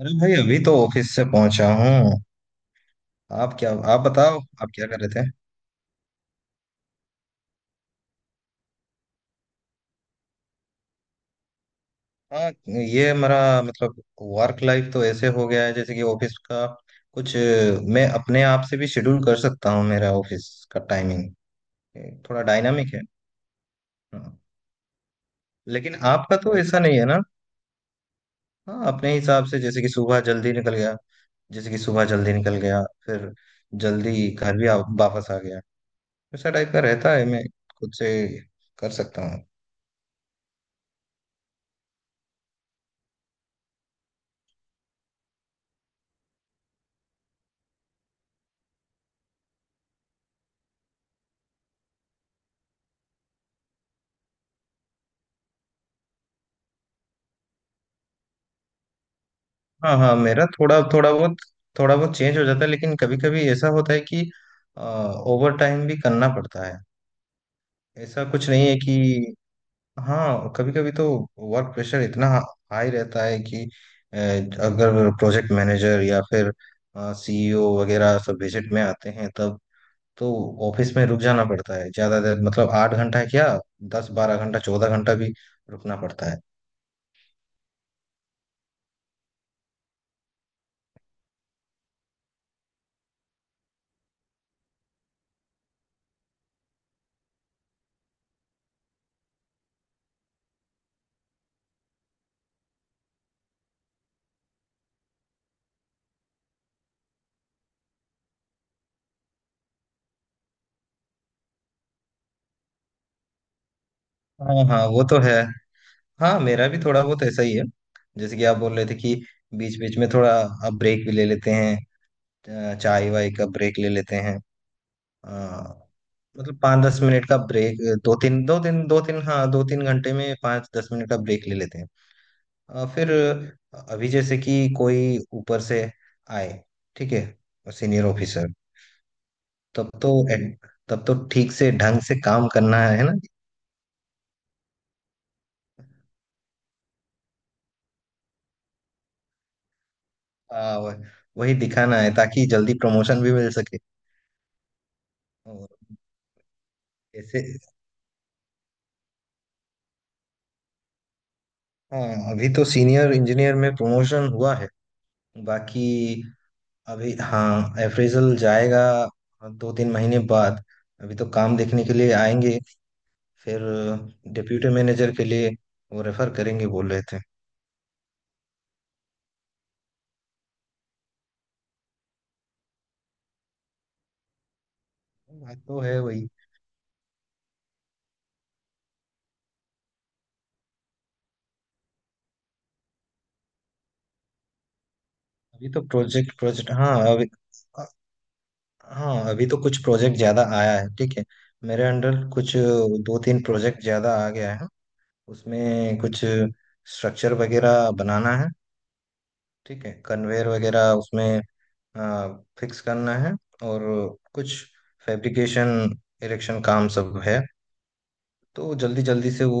अरे भाई, अभी तो ऑफिस से पहुंचा हूँ। आप बताओ, आप क्या कर रहे थे। हाँ, ये मेरा मतलब वर्क लाइफ तो ऐसे हो गया है जैसे कि ऑफिस का कुछ। मैं अपने आप से भी शेड्यूल कर सकता हूँ, मेरा ऑफिस का टाइमिंग थोड़ा डायनामिक है। हाँ। लेकिन आपका तो ऐसा नहीं है ना। हाँ, अपने हिसाब से जैसे कि सुबह जल्दी निकल गया, जैसे कि सुबह जल्दी निकल गया, फिर जल्दी घर भी वापस आ गया। ऐसा टाइप का रहता है, मैं खुद से कर सकता हूँ। हाँ हाँ, मेरा थोड़ा थोड़ा बहुत चेंज हो जाता है, लेकिन कभी कभी ऐसा होता है कि ओवर टाइम भी करना पड़ता है। ऐसा कुछ नहीं है कि। हाँ, कभी कभी तो वर्क प्रेशर इतना हाई रहता है कि अगर प्रोजेक्ट मैनेजर या फिर सीईओ वगैरह सब विजिट में आते हैं, तब तो ऑफिस में रुक जाना पड़ता है ज्यादा देर, मतलब 8 घंटा क्या, 10 12 घंटा, 14 घंटा भी रुकना पड़ता है। हाँ हाँ वो तो है। हाँ, मेरा भी थोड़ा बहुत ऐसा ही है, जैसे कि आप बोल रहे थे कि बीच बीच में थोड़ा आप ब्रेक भी ले लेते हैं, चाय वाय का ब्रेक ले लेते हैं, अ, मतलब 5 10 मिनट का ब्रेक। दो तीन, हाँ, 2 3 घंटे में 5 10 मिनट का ब्रेक ले लेते हैं। फिर अभी जैसे कि कोई ऊपर से आए, ठीक है, सीनियर ऑफिसर, तब तो तब तो ठीक से ढंग से काम करना है ना। अ, वही दिखाना है ताकि जल्दी प्रमोशन भी मिल सके और ऐसे। हाँ, अभी तो सीनियर इंजीनियर में प्रमोशन हुआ है, बाकी अभी। हाँ, अप्रेजल जाएगा 2 3 महीने बाद, अभी तो काम देखने के लिए आएंगे, फिर डिप्यूटी मैनेजर के लिए वो रेफर करेंगे बोल रहे थे। बात तो है वही। अभी तो प्रोजेक्ट प्रोजेक्ट, हाँ अभी, अ- हाँ अभी तो कुछ प्रोजेक्ट ज्यादा आया है, ठीक है, मेरे अंडर कुछ दो तीन प्रोजेक्ट ज्यादा आ गया है। उसमें कुछ स्ट्रक्चर वगैरह बनाना है, ठीक है, कन्वेयर वगैरह उसमें, हाँ, फिक्स करना है, और कुछ फैब्रिकेशन, इरेक्शन काम सब है। तो जल्दी जल्दी से वो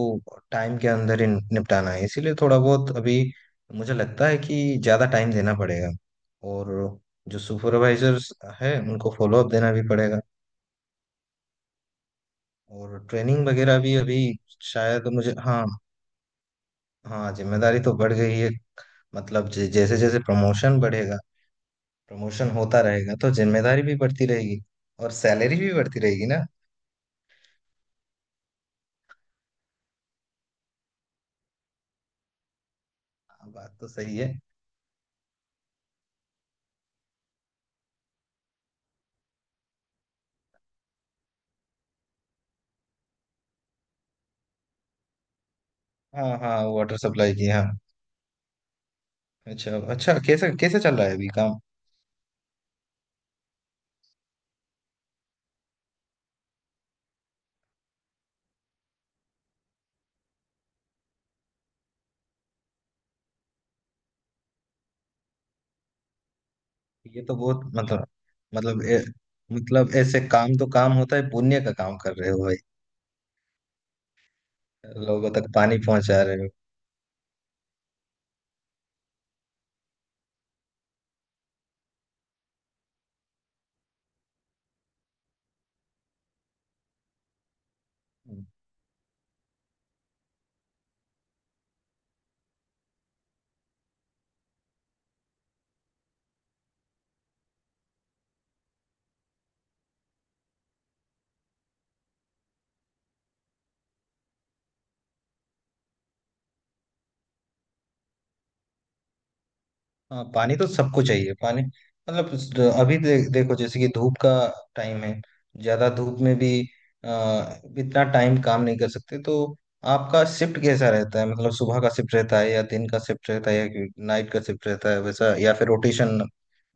टाइम के अंदर ही निपटाना है, इसीलिए थोड़ा बहुत अभी मुझे लगता है कि ज़्यादा टाइम देना पड़ेगा और जो सुपरवाइजर्स है उनको फॉलोअप देना भी पड़ेगा, और ट्रेनिंग वगैरह भी अभी, शायद मुझे। हाँ हाँ, जिम्मेदारी तो बढ़ गई है, मतलब जैसे जैसे प्रमोशन बढ़ेगा, प्रमोशन होता रहेगा, तो जिम्मेदारी भी बढ़ती रहेगी और सैलरी भी बढ़ती रहेगी ना। हाँ, बात तो सही है। हाँ हाँ, वाटर सप्लाई की, हाँ। अच्छा अच्छा, कैसे कैसे चल रहा है अभी काम। ये तो बहुत मतलब, मतलब ए, मतलब ऐसे काम तो काम होता है, पुण्य का काम कर रहे हो भाई, लोगों तक पानी पहुंचा रहे हो। हाँ, पानी तो सबको चाहिए, पानी मतलब अभी देखो, जैसे कि धूप का टाइम है, ज्यादा धूप में भी आ, इतना टाइम काम नहीं कर सकते। तो आपका शिफ्ट कैसा रहता है, मतलब सुबह का शिफ्ट रहता है या दिन का शिफ्ट रहता है या नाइट का शिफ्ट रहता है वैसा, या फिर रोटेशन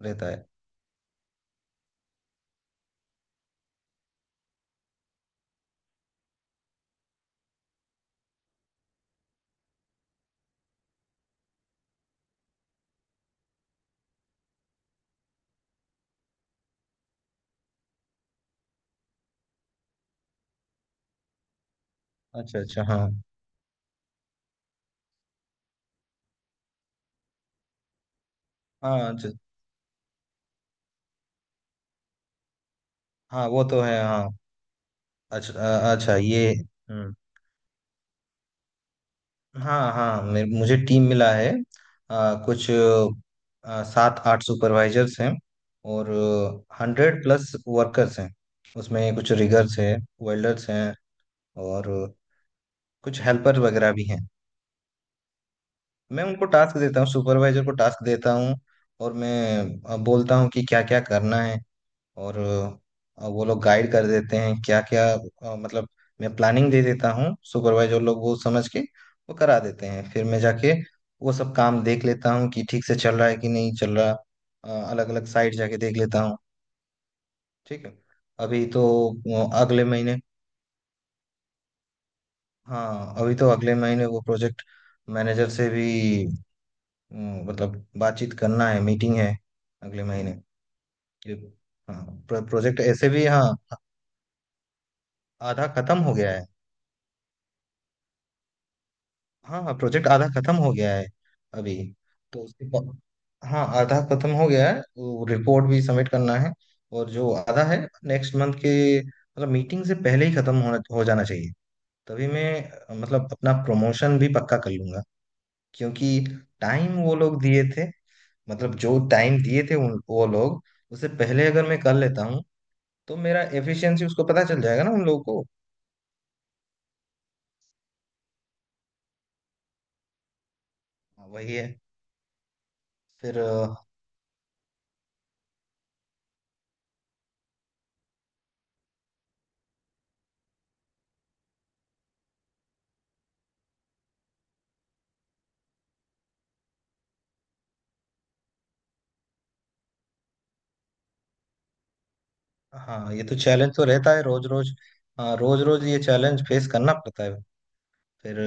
रहता है। अच्छा अच्छा। हाँ हाँ। अच्छा। हाँ वो तो है। हाँ, अच्छा अच्छा ये, हम्म। हाँ हाँ, मुझे टीम मिला है, कुछ सात आठ सुपरवाइजर्स हैं और 100+ वर्कर्स हैं, उसमें कुछ रिगर्स हैं, वेल्डर्स हैं और कुछ हेल्पर वगैरह भी हैं। मैं उनको टास्क देता हूँ, सुपरवाइजर को टास्क देता हूँ और मैं बोलता हूँ कि क्या क्या करना है, और वो लोग गाइड कर देते हैं क्या क्या, मतलब मैं प्लानिंग दे देता हूँ, सुपरवाइजर लोग वो समझ के वो करा देते हैं, फिर मैं जाके वो सब काम देख लेता हूँ कि ठीक से चल रहा है कि नहीं चल रहा, अलग अलग साइड जाके देख लेता हूँ, ठीक है। अभी तो अगले महीने, हाँ, अभी तो अगले महीने वो प्रोजेक्ट मैनेजर से भी, मतलब बातचीत करना है, मीटिंग है अगले महीने। ये- हाँ, प्रोजेक्ट ऐसे भी, हाँ, आधा खत्म हो गया है। हाँ हाँ, प्रोजेक्ट आधा खत्म हो गया है। अभी तो उसके बाद- हाँ, आधा खत्म हो गया है, वो रिपोर्ट भी सबमिट करना है और जो आधा है नेक्स्ट मंथ के, मतलब मीटिंग से पहले ही खत्म होना, हो जाना चाहिए, तभी मैं, मतलब अपना प्रमोशन भी पक्का कर लूंगा, क्योंकि टाइम वो लोग दिए थे, मतलब जो टाइम दिए थे उन वो लोग, उससे पहले अगर मैं कर लेता हूँ तो मेरा एफिशिएंसी उसको पता चल जाएगा ना, उन लोगों को। हाँ, वही है फिर। हाँ, ये तो चैलेंज तो रहता है रोज रोज, हाँ, रोज रोज ये चैलेंज फेस करना पड़ता है फिर।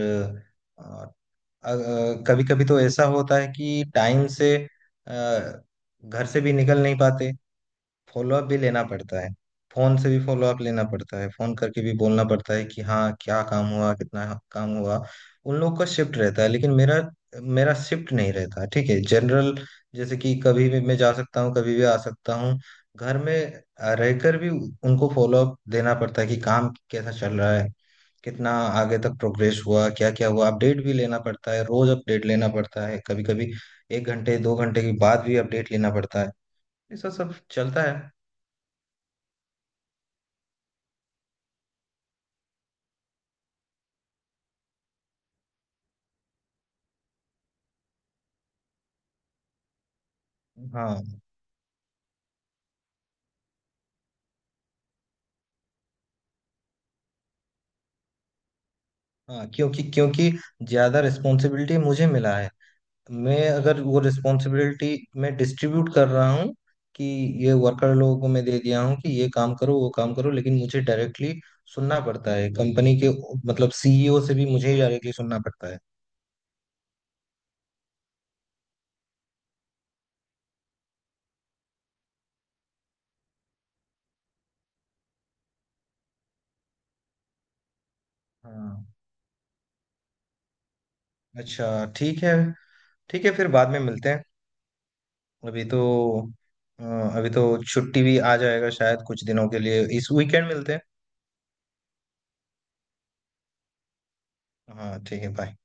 कभी कभी तो ऐसा होता है कि टाइम से अ, घर से भी निकल नहीं पाते, फॉलोअप भी लेना पड़ता है, फोन से भी फॉलोअप लेना पड़ता है, फोन करके भी बोलना पड़ता है कि हाँ, क्या काम हुआ, कितना काम हुआ। उन लोग का शिफ्ट रहता है लेकिन मेरा मेरा शिफ्ट नहीं रहता, ठीक है, जनरल, जैसे कि कभी भी मैं जा सकता हूँ, कभी भी आ सकता हूँ। घर में रहकर भी उनको फॉलोअप देना पड़ता है कि काम कैसा चल रहा है, कितना आगे तक प्रोग्रेस हुआ, क्या क्या हुआ, अपडेट भी लेना पड़ता है, रोज अपडेट लेना पड़ता है, कभी कभी 1 घंटे 2 घंटे के बाद भी अपडेट लेना पड़ता है, ऐसा सब चलता है। हाँ हाँ, क्योंकि क्योंकि ज्यादा रिस्पॉन्सिबिलिटी मुझे मिला है। मैं अगर वो रिस्पॉन्सिबिलिटी, मैं डिस्ट्रीब्यूट कर रहा हूँ कि ये वर्कर लोगों को मैं दे दिया हूँ कि ये काम करो, वो काम करो, लेकिन मुझे डायरेक्टली सुनना पड़ता है कंपनी के, मतलब सीईओ से भी मुझे ही डायरेक्टली सुनना पड़ता है। हाँ, अच्छा, ठीक है। ठीक है, फिर बाद में मिलते हैं। अभी तो अ, अभी तो छुट्टी भी आ जाएगा शायद कुछ दिनों के लिए, इस वीकेंड मिलते हैं। हाँ, ठीक है, बाय।